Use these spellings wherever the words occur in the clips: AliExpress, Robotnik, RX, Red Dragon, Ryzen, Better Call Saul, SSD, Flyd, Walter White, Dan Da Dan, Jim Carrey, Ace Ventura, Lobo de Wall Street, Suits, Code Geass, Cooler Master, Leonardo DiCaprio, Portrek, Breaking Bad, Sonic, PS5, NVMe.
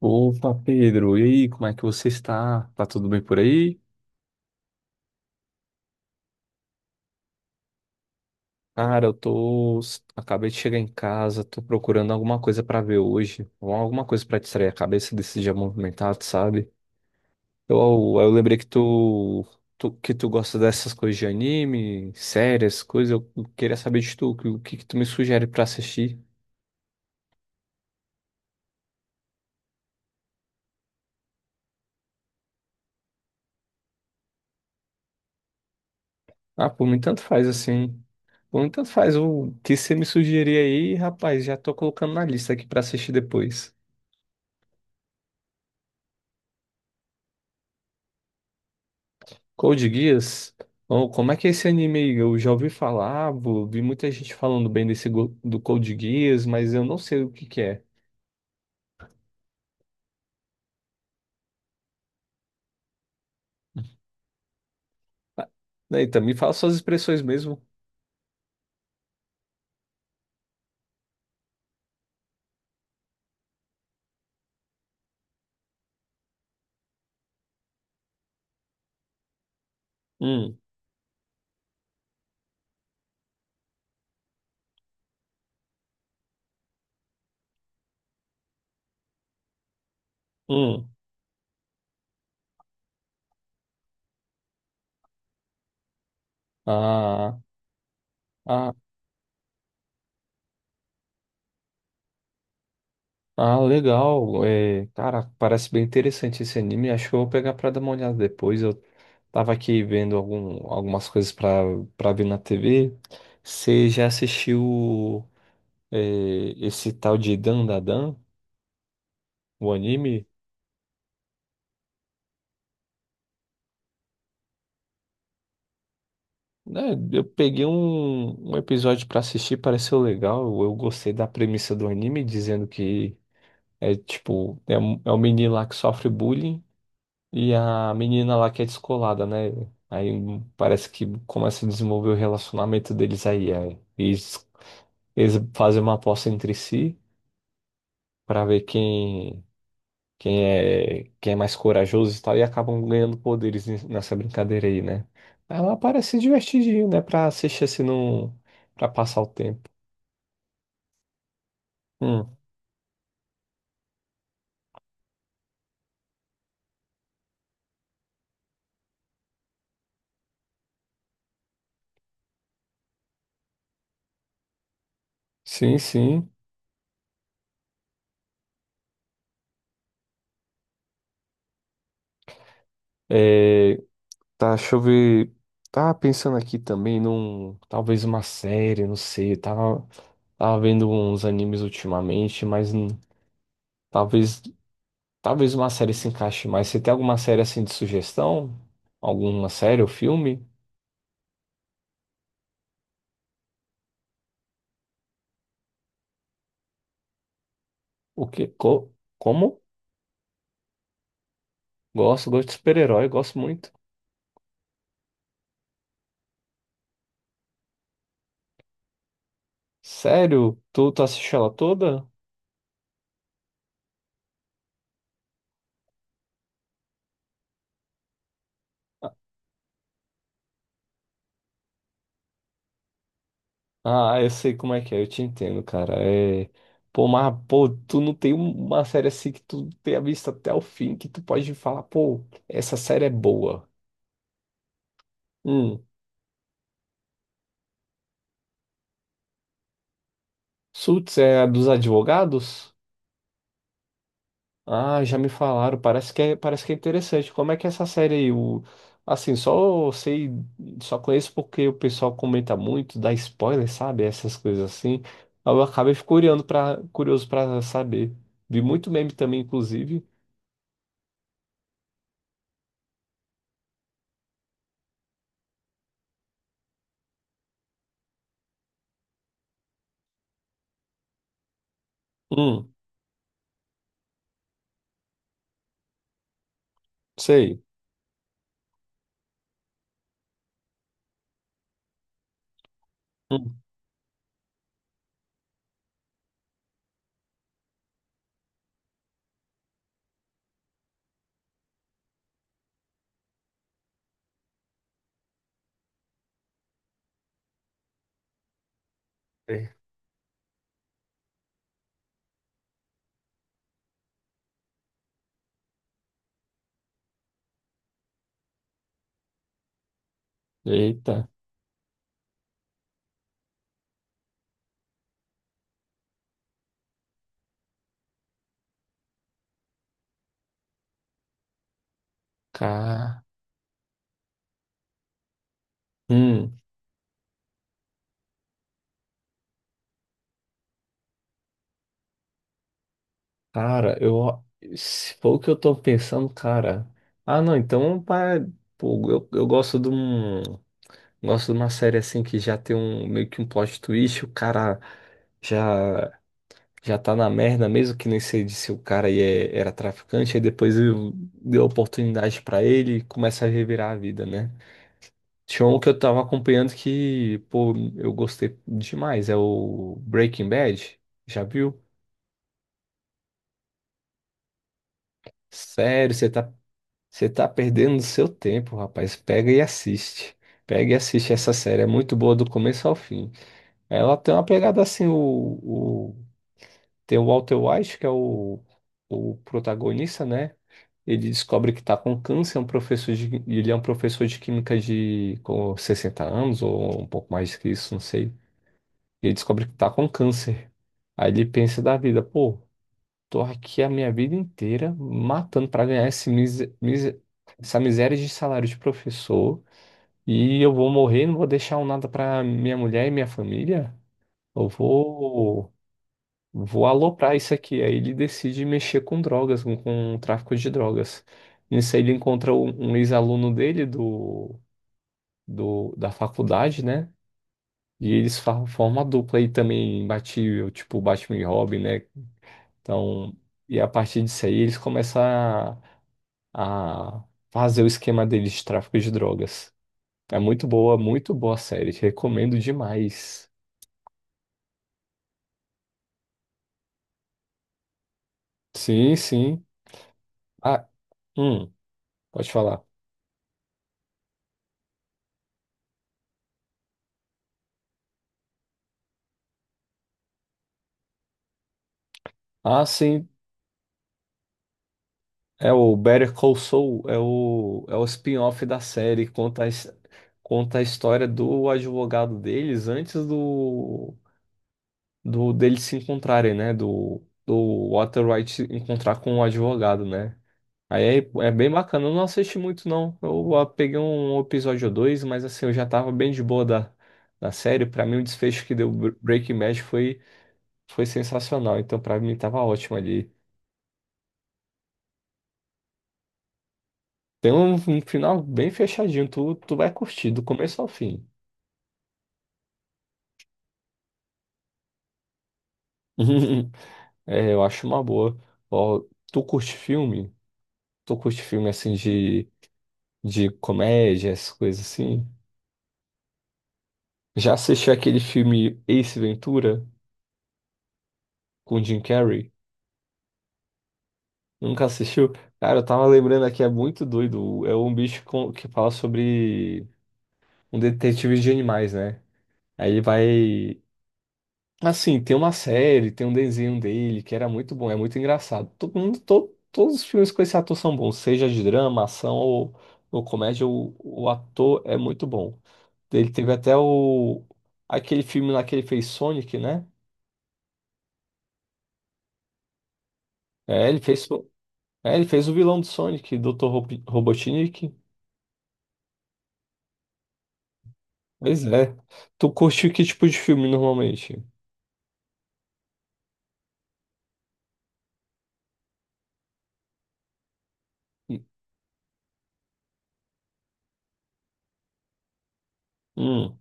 Opa, Pedro, e aí, como é que você está? Tá tudo bem por aí? Cara, eu tô. Acabei de chegar em casa, tô procurando alguma coisa pra ver hoje, alguma coisa pra distrair a cabeça desse dia movimentado, sabe? Eu lembrei que tu, que tu gosta dessas coisas de anime, séries, coisas. Eu queria saber de tu, que- o que que tu me sugere pra assistir? Ah, por mim tanto faz assim. Por mim tanto faz o que você me sugerir aí, rapaz, já tô colocando na lista aqui pra assistir depois. Code Geass? Oh, como é que é esse anime aí? Eu já ouvi falar, vi muita gente falando bem desse do Code Geass, mas eu não sei o que que é. Ah, eita, me fala suas expressões mesmo. Hum, hum. Ah, ah, ah, legal. É, cara, parece bem interessante esse anime. Acho que eu vou pegar pra dar uma olhada depois. Eu tava aqui vendo algumas coisas pra, pra ver na TV. Você já assistiu, é, esse tal de Dan Da Dan, o anime? Né, eu peguei um episódio pra assistir, pareceu legal. Eu gostei da premissa do anime, dizendo que é tipo, é um menino lá que sofre bullying e a menina lá que é descolada, né? Aí parece que começa a desenvolver o relacionamento deles aí. Aí eles, fazem uma aposta entre si pra ver quem quem é mais corajoso e tal, e acabam ganhando poderes nessa brincadeira aí, né? Ela parece divertidinho, né? Pra assistir assim, não, pra passar o tempo. Hum, sim, sim. É, tá, deixa eu ver. Tava pensando aqui também num. Talvez uma série, não sei. Tava, tava vendo uns animes ultimamente, mas talvez. Talvez uma série se encaixe mais. Você tem alguma série assim de sugestão? Alguma série ou filme? O quê? Co como? Gosto, gosto de super-herói, gosto muito. Sério? Tu, tu assiste ela toda? Ah, eu sei como é que é, eu te entendo, cara. É, pô, mas, pô, tu não tem uma série assim que tu tenha visto até o fim, que tu pode falar, pô, essa série é boa. Hum, Suits é a dos advogados? Ah, já me falaram. Parece que é interessante. Como é que é essa série aí? O, assim, só sei, só conheço porque o pessoal comenta muito, dá spoiler, sabe? Essas coisas assim. Aí eu acabei fico curioso para curioso para saber. Vi muito meme também, inclusive. Hum, sei. Hum, sei. Eita, cara. Hum, cara, eu se for o que eu tô pensando, cara. Ah, não, então, pá, pô, eu gosto de um. Gosto de uma série assim que já tem um meio que um plot twist, o cara já já tá na merda, mesmo que nem sei de se o cara aí era traficante, aí depois deu oportunidade pra ele e começa a revirar a vida, né? Tinha um que eu tava acompanhando que, pô, eu gostei demais, é o Breaking Bad. Já viu? Sério, você tá perdendo seu tempo, rapaz. Pega e assiste. Pega e assiste essa série, é muito boa do começo ao fim. Ela tem uma pegada assim. O, tem o Walter White, que é o protagonista, né? Ele descobre que está com câncer, é um professor de, ele é um professor de química de com 60 anos, ou um pouco mais que isso, não sei. Ele descobre que está com câncer. Aí ele pensa da vida, pô, tô aqui a minha vida inteira matando para ganhar esse essa miséria de salário de professor, e eu vou morrer, não vou deixar um nada para minha mulher e minha família. Eu vou. Vou aloprar isso aqui. Aí ele decide mexer com drogas, com o tráfico de drogas. Nisso aí ele encontra um ex-aluno dele do, do, da faculdade, né? E eles formam uma dupla aí também imbatível, tipo Batman e Robin, né? Então, e a partir disso aí eles começam a fazer o esquema deles de tráfico de drogas. É muito boa a série. Recomendo demais. Sim, sim. Ah, hum, pode falar. Ah, sim. É o Better Call Saul, é o, é o spin-off da série, conta a, conta a história do advogado deles antes do, do deles se encontrarem, né? Do, do Walter White se encontrar com o advogado, né? Aí é, é bem bacana, eu não assisti muito não, eu ah, peguei um episódio ou dois, mas assim, eu já tava bem de boa da, da série, pra mim o desfecho que deu Breaking Bad foi, foi sensacional, então pra mim tava ótimo ali. Tem um, um final bem fechadinho, tu, tu vai curtir do começo ao fim. É, eu acho uma boa. Ó, tu curte filme? Tu curte filme assim de comédia, essas coisas assim? Já assistiu aquele filme Ace Ventura com Jim Carrey? Nunca assistiu? Cara, eu tava lembrando aqui, é muito doido. É um bicho que fala sobre um detetive de animais, né? Aí ele vai. Assim, tem uma série, tem um desenho dele que era muito bom, é muito engraçado. Todo mundo, todos os filmes com esse ator são bons, seja de drama, ação ou comédia, o ator é muito bom. Ele teve até o aquele filme lá que ele fez Sonic, né? É, ele fez, o- é, ele fez o vilão do Sonic, Dr. Robotnik. Pois é. Tu curte que tipo de filme normalmente? Hum. Hum,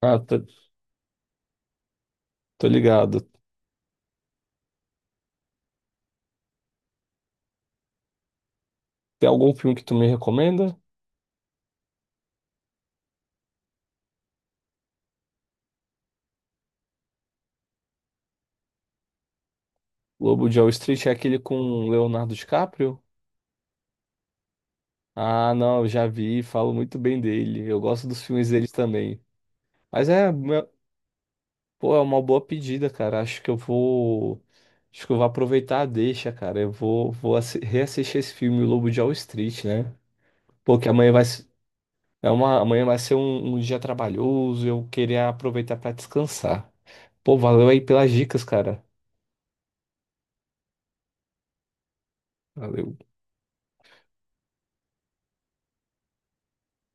ah, tô, tô ligado. Tem algum filme que tu me recomenda? Lobo de Wall Street é aquele com Leonardo DiCaprio? Ah, não, eu já vi, falo muito bem dele. Eu gosto dos filmes deles também. Mas é, uma- pô, é uma boa pedida, cara. Acho que eu vou, acho que eu vou aproveitar a deixa, cara. Eu vou, reassistir esse filme, o Lobo de Wall Street, né? Porque amanhã vai, se- é uma, amanhã vai ser um, um dia trabalhoso, eu queria aproveitar pra descansar. Pô, valeu aí pelas dicas, cara. Valeu.